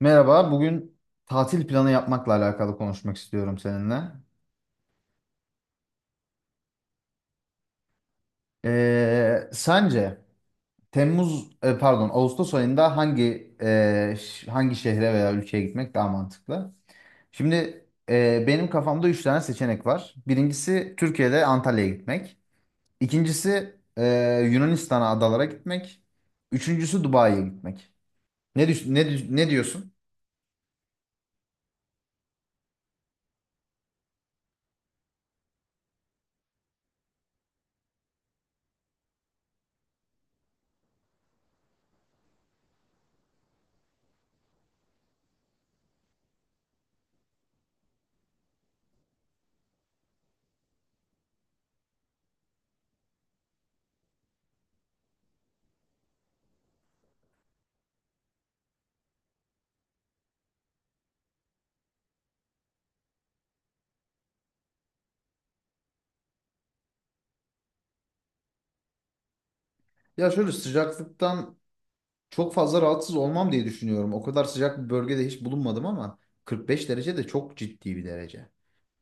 Merhaba, bugün tatil planı yapmakla alakalı konuşmak istiyorum seninle. Sence Temmuz, pardon, Ağustos ayında hangi şehre veya ülkeye gitmek daha mantıklı? Şimdi benim kafamda üç tane seçenek var. Birincisi Türkiye'de Antalya'ya gitmek. İkincisi Yunanistan'a adalara gitmek. Üçüncüsü Dubai'ye gitmek. Ne düş- ne dü- Ne diyorsun? Ya şöyle, sıcaklıktan çok fazla rahatsız olmam diye düşünüyorum. O kadar sıcak bir bölgede hiç bulunmadım, ama 45 derece de çok ciddi bir derece.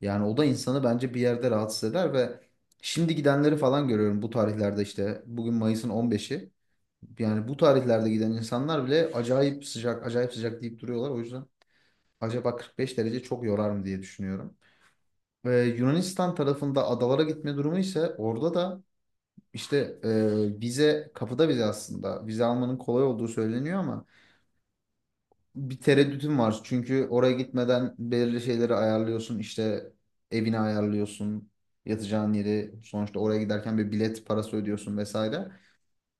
Yani o da insanı bence bir yerde rahatsız eder ve şimdi gidenleri falan görüyorum bu tarihlerde işte. Bugün Mayıs'ın 15'i. Yani bu tarihlerde giden insanlar bile acayip sıcak, acayip sıcak deyip duruyorlar. O yüzden acaba 45 derece çok yorar mı diye düşünüyorum. Ee, Yunanistan tarafında adalara gitme durumu ise orada da işte, vize kapıda vize aslında. Vize almanın kolay olduğu söyleniyor ama bir tereddütüm var. Çünkü oraya gitmeden belirli şeyleri ayarlıyorsun. İşte evini ayarlıyorsun. Yatacağın yeri, sonuçta oraya giderken bir bilet parası ödüyorsun vesaire.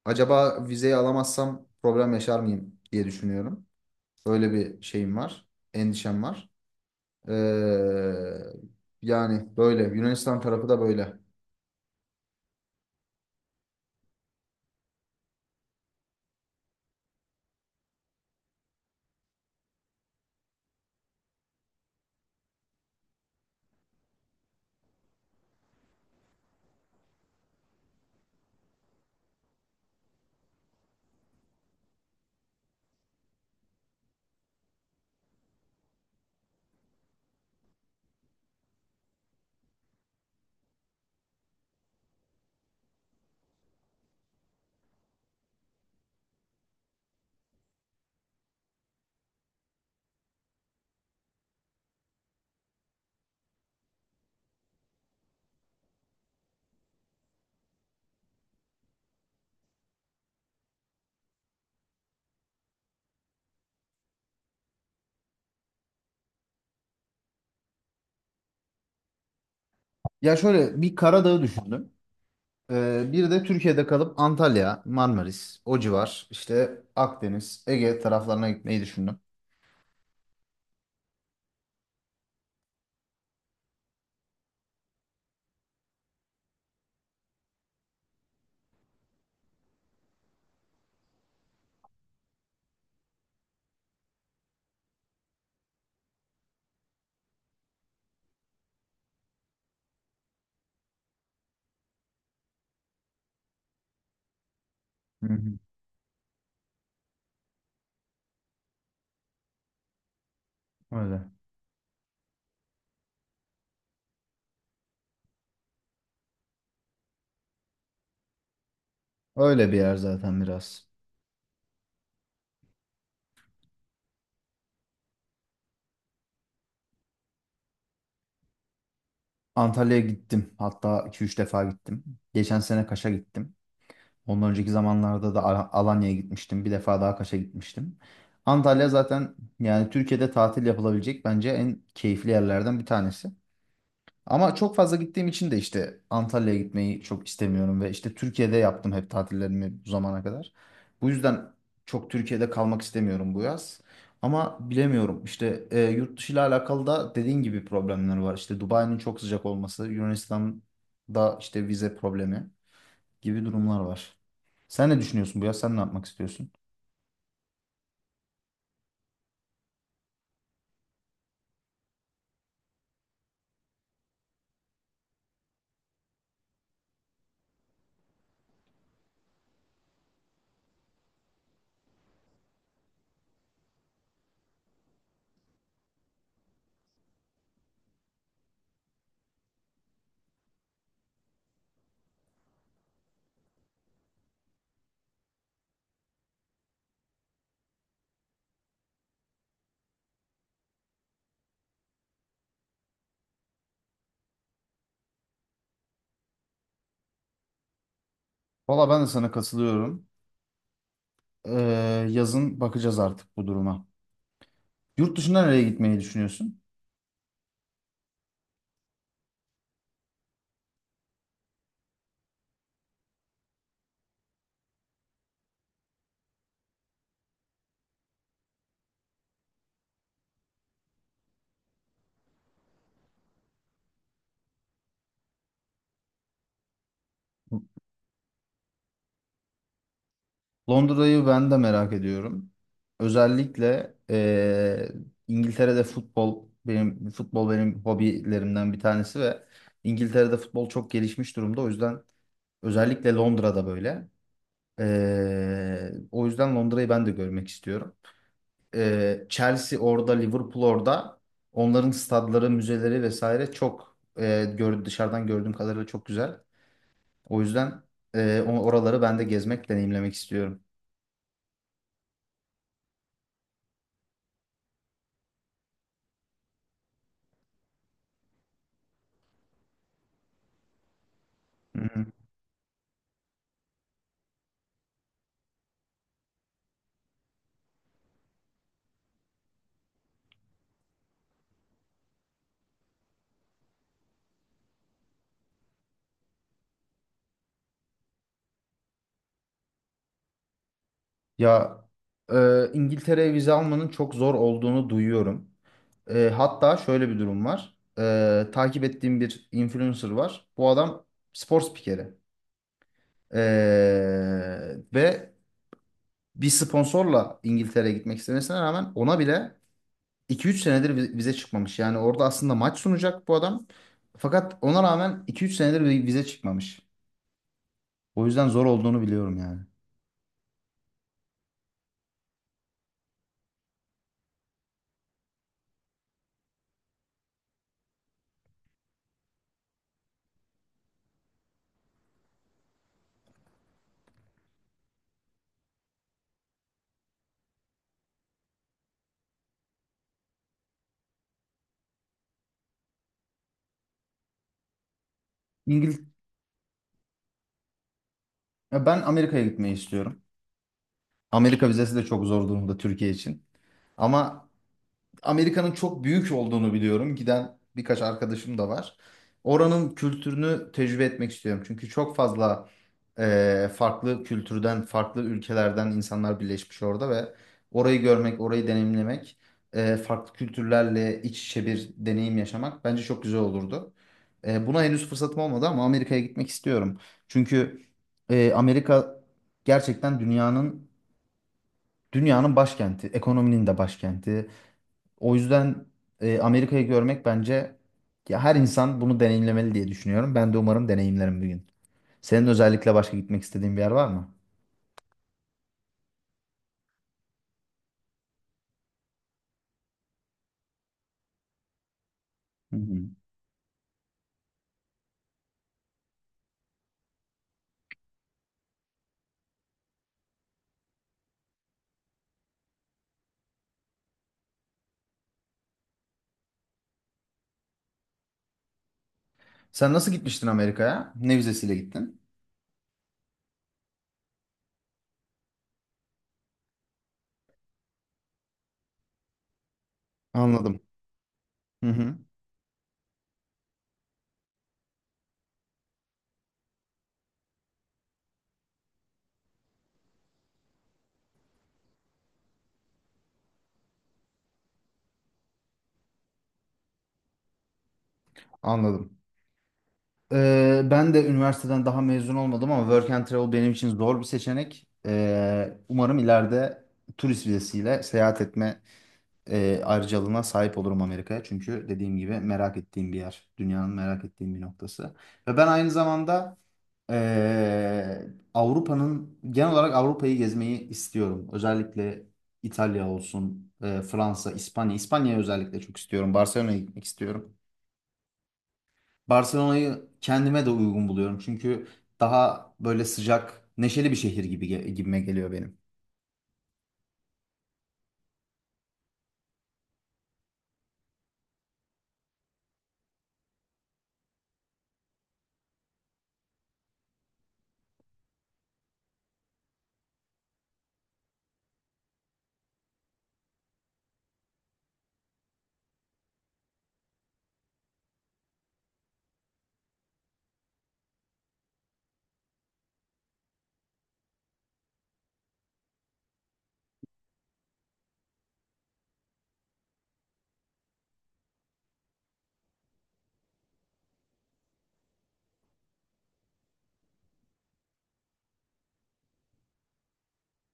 Acaba vizeyi alamazsam problem yaşar mıyım diye düşünüyorum. Öyle bir şeyim var. Endişem var. Ee, Yani böyle. Yunanistan tarafı da böyle. Ya şöyle, bir Karadağ'ı düşündüm. Bir de Türkiye'de kalıp Antalya, Marmaris, o civar, işte Akdeniz, Ege taraflarına gitmeyi düşündüm. Hı hı. Öyle. Öyle bir yer zaten biraz. Antalya'ya gittim. Hatta iki üç defa gittim. Geçen sene Kaş'a gittim. Ondan önceki zamanlarda da Alanya'ya gitmiştim. Bir defa daha Kaş'a gitmiştim. Antalya zaten, yani Türkiye'de tatil yapılabilecek bence en keyifli yerlerden bir tanesi. Ama çok fazla gittiğim için de işte Antalya'ya gitmeyi çok istemiyorum ve işte Türkiye'de yaptım hep tatillerimi bu zamana kadar. Bu yüzden çok Türkiye'de kalmak istemiyorum bu yaz. Ama bilemiyorum işte, yurt dışı ile alakalı da dediğin gibi problemler var. İşte Dubai'nin çok sıcak olması, Yunanistan'da işte vize problemi gibi durumlar var. Sen ne düşünüyorsun bu yaz? Sen ne yapmak istiyorsun? Valla ben de sana katılıyorum. Yazın bakacağız artık bu duruma. Yurt dışına nereye gitmeyi düşünüyorsun? Londra'yı ben de merak ediyorum. Özellikle İngiltere'de futbol benim hobilerimden bir tanesi ve İngiltere'de futbol çok gelişmiş durumda. O yüzden özellikle Londra'da böyle. O yüzden Londra'yı ben de görmek istiyorum. Chelsea orada, Liverpool orada. Onların stadları, müzeleri vesaire çok dışarıdan gördüğüm kadarıyla çok güzel. O yüzden oraları ben de gezmek, deneyimlemek istiyorum. Ya, İngiltere'ye vize almanın çok zor olduğunu duyuyorum. Hatta şöyle bir durum var. Takip ettiğim bir influencer var. Bu adam spor spikeri. E, ve bir sponsorla İngiltere'ye gitmek istemesine rağmen ona bile iki üç senedir vize çıkmamış. Yani orada aslında maç sunacak bu adam. Fakat ona rağmen iki üç senedir vize çıkmamış. O yüzden zor olduğunu biliyorum yani. İngil Ya, ben Amerika'ya gitmeyi istiyorum. Amerika vizesi de çok zor durumda Türkiye için. Ama Amerika'nın çok büyük olduğunu biliyorum. Giden birkaç arkadaşım da var. Oranın kültürünü tecrübe etmek istiyorum. Çünkü çok fazla farklı kültürden, farklı ülkelerden insanlar birleşmiş orada ve orayı görmek, orayı deneyimlemek, farklı kültürlerle iç içe bir deneyim yaşamak bence çok güzel olurdu. Buna henüz fırsatım olmadı ama Amerika'ya gitmek istiyorum. Çünkü Amerika gerçekten dünyanın başkenti, ekonominin de başkenti. O yüzden Amerika'yı görmek bence, ya, her insan bunu deneyimlemeli diye düşünüyorum. Ben de umarım deneyimlerim bir gün. Senin özellikle başka gitmek istediğin bir yer var mı? Hı hı. Sen nasıl gitmiştin Amerika'ya? Ne vizesiyle gittin? Anladım. Hı hı, anladım. Ben de üniversiteden daha mezun olmadım ama work and travel benim için zor bir seçenek. Umarım ileride turist vizesiyle seyahat etme ayrıcalığına sahip olurum Amerika'ya. Çünkü dediğim gibi merak ettiğim bir yer. Dünyanın merak ettiğim bir noktası. Ve ben aynı zamanda e, Avrupa'nın, genel olarak Avrupa'yı gezmeyi istiyorum. Özellikle İtalya olsun, Fransa, İspanya. İspanya'yı özellikle çok istiyorum. Barcelona'ya gitmek istiyorum. Barcelona'yı kendime de uygun buluyorum. Çünkü daha böyle sıcak, neşeli bir şehir gibime geliyor benim.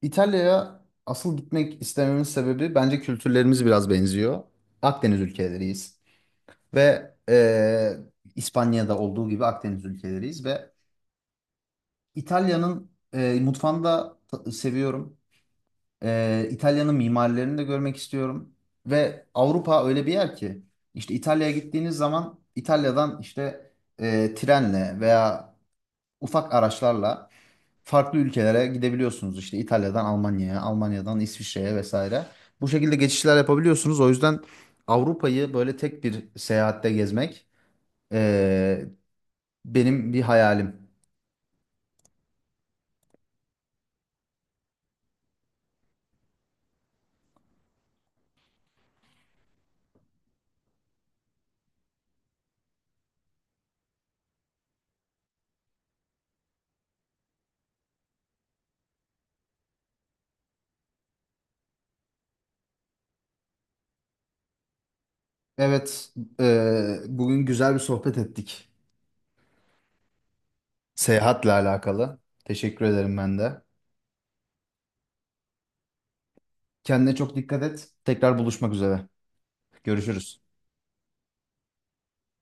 İtalya'ya asıl gitmek istememin sebebi, bence kültürlerimiz biraz benziyor. Akdeniz ülkeleriyiz ve İspanya'da olduğu gibi Akdeniz ülkeleriyiz ve İtalya'nın mutfağını da seviyorum. İtalya'nın mimarilerini de görmek istiyorum ve Avrupa öyle bir yer ki, işte İtalya'ya gittiğiniz zaman İtalya'dan işte trenle veya ufak araçlarla farklı ülkelere gidebiliyorsunuz. İşte İtalya'dan Almanya'ya, Almanya'dan İsviçre'ye vesaire. Bu şekilde geçişler yapabiliyorsunuz. O yüzden Avrupa'yı böyle tek bir seyahatte gezmek eee, benim bir hayalim. Evet, bugün güzel bir sohbet ettik seyahatle alakalı. Teşekkür ederim ben de. Kendine çok dikkat et. Tekrar buluşmak üzere. Görüşürüz.